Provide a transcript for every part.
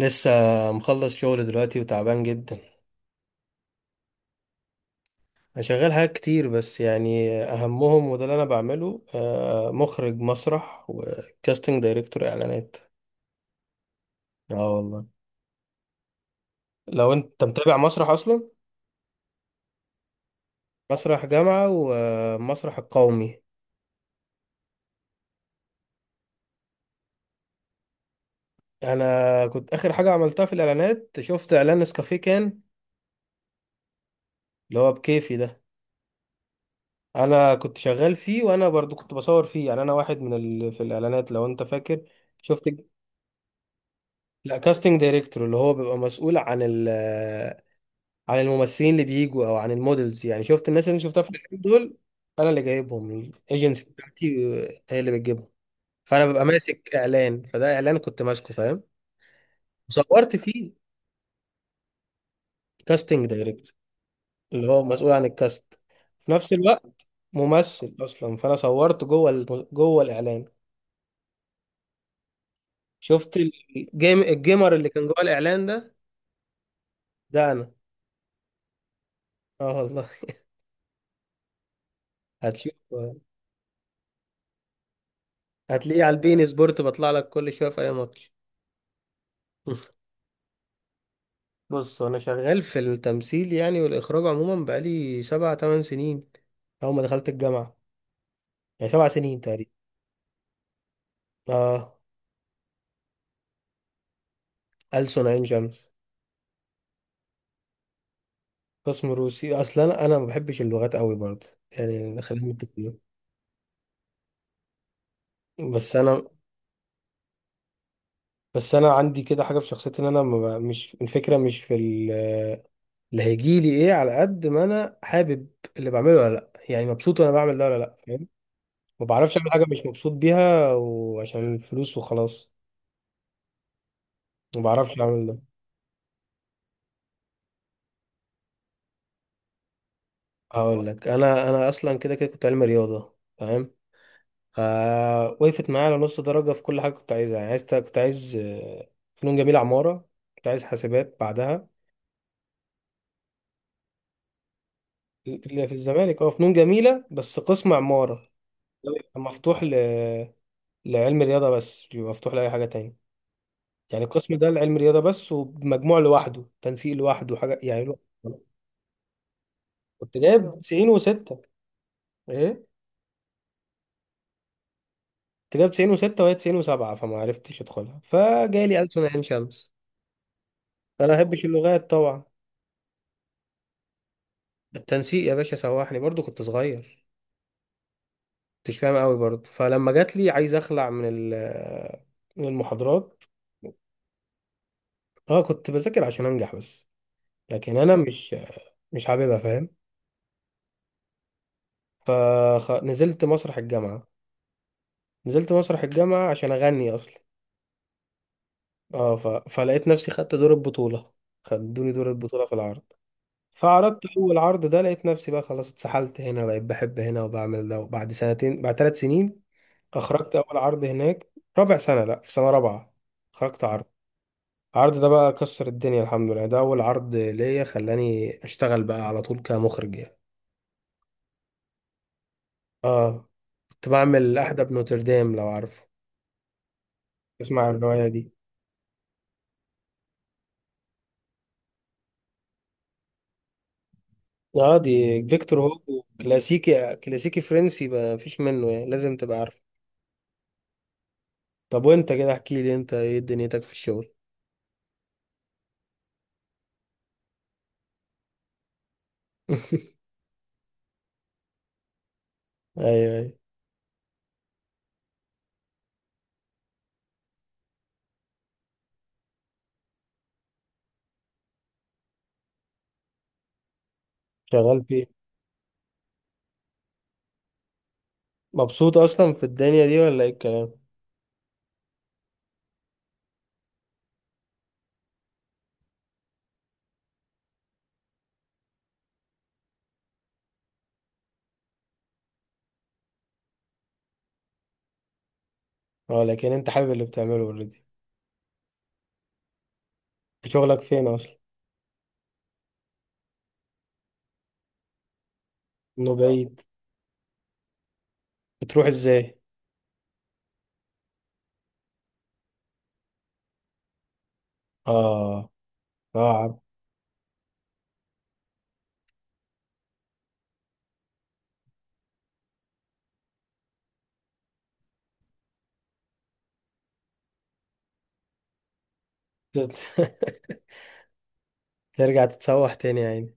لسه مخلص شغل دلوقتي وتعبان جدا. انا شغال حاجات كتير، بس يعني اهمهم وده اللي انا بعمله، مخرج مسرح وكاستنج دايركتور اعلانات. اه والله. لو انت متابع مسرح اصلا؟ مسرح جامعة ومسرح القومي. انا كنت اخر حاجة عملتها في الاعلانات، شفت اعلان نسكافيه كان اللي هو بكيفي ده. انا كنت شغال فيه، وانا برضو كنت بصور فيه، يعني انا واحد من في الاعلانات، لو انت فاكر. شفت. لا، كاستنج دايركتور اللي هو بيبقى مسؤول عن الممثلين اللي بيجوا او عن المودلز، يعني شفت الناس اللي أنا شفتها في الفيلم دول. انا اللي جايبهم. الايجنسي بتاعتي هي اللي بتجيبهم. فانا ببقى ماسك اعلان، فده اعلان كنت ماسكه، فاهم. وصورت فيه. كاستنج دايركتور اللي هو مسؤول عن الكاست في نفس الوقت، ممثل اصلا، فانا صورت جوه جوه الاعلان. شفت الجيمر اللي كان جوه الاعلان ده، ده انا. اه والله. هتشوف، هتلاقيه على البين سبورت، بطلع لك كل شويه في اي ماتش. بص، انا شغال في التمثيل يعني والاخراج عموما بقالي سبع تمن سنين، اول ما دخلت الجامعه، يعني 7 سنين تقريبا. اه. ألسن عين شمس. قسم روسي اصلا، انا ما بحبش اللغات قوي برضه، يعني خلينا متفقين. بس انا بس انا عندي كده حاجه في شخصيتي، ان انا ما بقى- مش الفكره مش في اللي هيجي لي ايه، على قد ما انا حابب اللي بعمله ولا لا، يعني مبسوط وانا بعمل ده ولا لا. ما بعرفش اعمل حاجه مش مبسوط بيها وعشان الفلوس وخلاص. ما بعرفش اعمل ده. هقول لك، انا اصلا كده كده كنت علمي رياضه، تمام. وقفت معايا على نص درجه في كل حاجه كنت عايزها، يعني كنت عايز فنون جميله عماره، كنت عايز حاسبات بعدها. اللي في الزمالك، اه، فنون جميله بس قسم عماره. ده بيبقى مفتوح لعلم رياضه بس، بيبقى مفتوح لاي حاجه تانية. يعني القسم ده لعلم رياضه بس، ومجموع لوحده، تنسيق لوحده، حاجه يعني لوحده. كنت جايب 96. ايه؟ كنت جايب 96 وهي 97، فما عرفتش ادخلها فجالي ألسن عين شمس. انا ما بحبش اللغات طبعا. التنسيق يا باشا سوحني، برضو كنت صغير، كنتش فاهم قوي برضو، فلما جات لي عايز اخلع من من المحاضرات. اه، كنت بذاكر عشان انجح بس، لكن انا مش حاببها، فاهم. فنزلت مسرح الجامعة، نزلت مسرح الجامعة عشان اغني اصلا. اه، فلقيت نفسي خدت دور البطولة، خدوني دور البطولة في العرض. فعرضت اول عرض ده، لقيت نفسي بقى خلاص اتسحلت هنا، بقيت بحب هنا وبعمل ده، وبعد سنتين، بعد 3 سنين اخرجت اول عرض هناك. رابع سنه، لا، في سنه رابعه خرجت عرض. العرض ده بقى كسر الدنيا الحمد لله، ده اول عرض ليا خلاني اشتغل بقى على طول كمخرج يعني. اه كنت بعمل احدى بنوتردام، لو عارفه. اسمع الروايه دي. اه، دي فيكتور هوجو، كلاسيكي كلاسيكي فرنسي، ما فيش منه، يعني لازم تبقى عارفه. طب وانت كده احكي لي، انت ايه دنيتك في الشغل؟ ايوه ايوه. شغال فيه. مبسوط اصلا في الدنيا دي ولا ايه الكلام؟ اه، لكن انت حابب اللي بتعمله اوريدي. شغلك فين اصلا؟ انه بعيد. بتروح ازاي؟ اه، اه، ترجع تتسوح تاني يعني.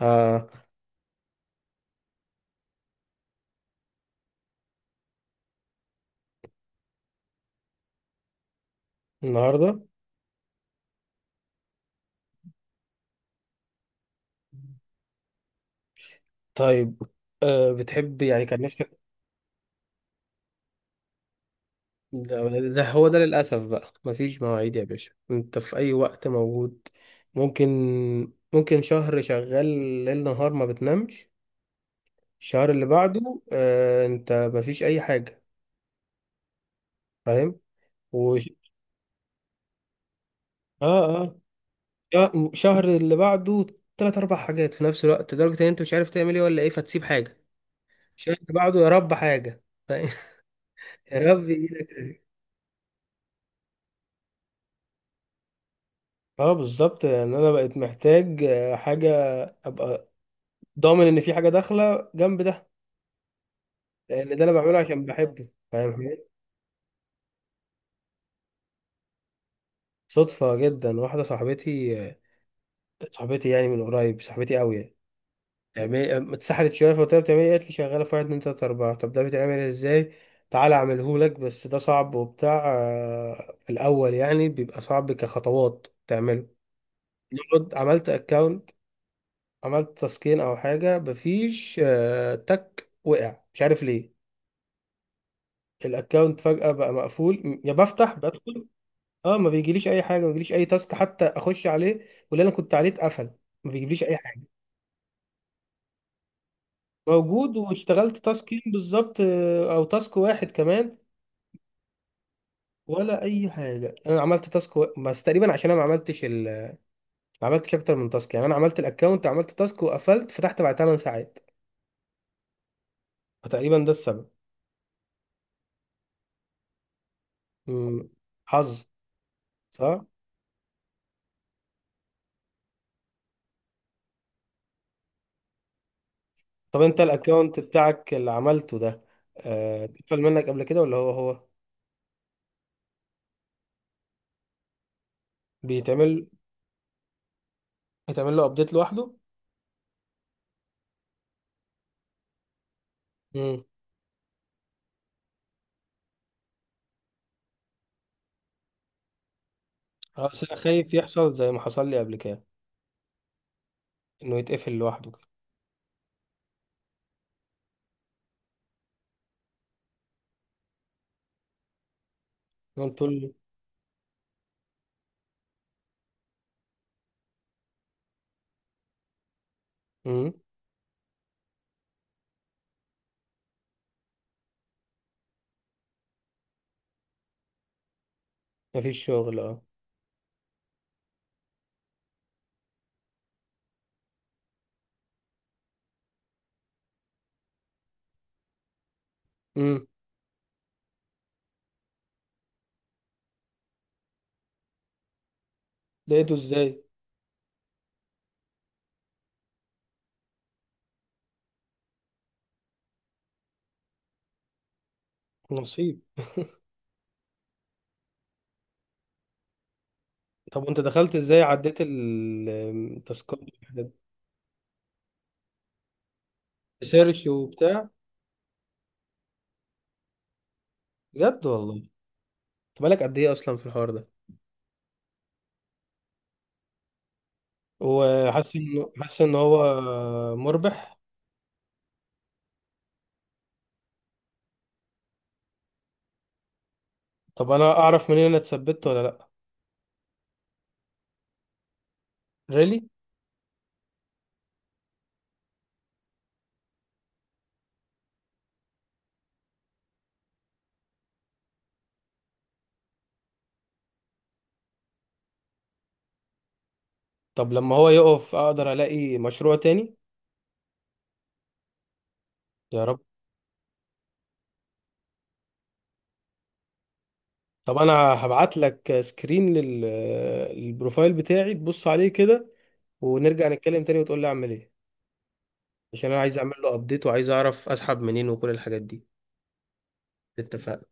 اه. النهارده. طيب، بتحب يعني، كان نفسك. ده هو ده للاسف بقى، مفيش مواعيد يا باشا، انت في اي وقت موجود. ممكن ممكن شهر شغال ليل نهار ما بتنامش، الشهر اللي بعده انت مفيش اي حاجه، فاهم و... اه اه، شهر اللي بعده تلات اربع حاجات في نفس الوقت، لدرجة ان انت مش عارف تعمل ايه ولا ايه، فتسيب حاجة. الشهر اللي بعده يا رب حاجة، يا رب يجيلك. اه بالظبط، لان انا بقيت محتاج حاجة ابقى ضامن ان في حاجة داخلة جنب ده، لان ده انا بعمله عشان بحبه، فاهم حاجة؟ صدفة جدا. واحدة صاحبتي، صاحبتي يعني من قريب، صاحبتي قوي. تعملي اتسحلت شويه فقلت لها بتعملي إيه؟ قالت لي شغاله في واحد اتنين تلاته اربعه. طب ده بيتعمل ازاي؟ تعالى اعمله لك، بس ده صعب وبتاع، في الاول يعني بيبقى صعب كخطوات تعمله. نقعد. عملت اكونت، عملت تسكين او حاجه، مفيش تك، وقع مش عارف ليه. الاكونت فجاه بقى مقفول، يا بفتح بدخل. اه، ما بيجيليش اي حاجه، ما بيجيليش اي تاسك حتى اخش عليه، واللي انا كنت عليه اتقفل. ما بيجيبليش اي حاجه. موجود، واشتغلت تاسكين بالظبط، او تاسك واحد كمان. ولا اي حاجه، انا عملت تاسك بس تقريبا عشان انا ما عملتش اكتر من تاسك، يعني انا عملت الاكونت عملت تاسك وقفلت، فتحت بعد 8 ساعات، فتقريبا ده السبب. مم. حظ. صح. طب انت الاكونت بتاعك اللي عملته ده، اتقفل منك قبل كده ولا هو هو؟ بيتعمل. بيتعمل له ابديت لوحده. امم. بس انا خايف يحصل زي ما حصل لي قبل كده، انه يتقفل لوحده. كده انت تقول لي. امم. مفيش شغل، اه. امم. لقيته ازاي؟ نصيب. طب وانت دخلت ازاي عديت التاسكات والحاجات دي؟ سيرش وبتاع. بجد والله. انت بالك قد ايه اصلا في الحوار ده؟ وحاسس انه حاسس ان هو مربح. طب انا اعرف منين انا اتثبت ولا لا؟ ريلي. طب لما هو يقف اقدر الاقي مشروع تاني. يا رب. طب انا هبعت لك سكرين للبروفايل بتاعي تبص عليه كده، ونرجع نتكلم تاني وتقول لي اعمل ايه، عشان انا عايز اعمل له ابديت وعايز اعرف اسحب منين وكل الحاجات دي. اتفقنا.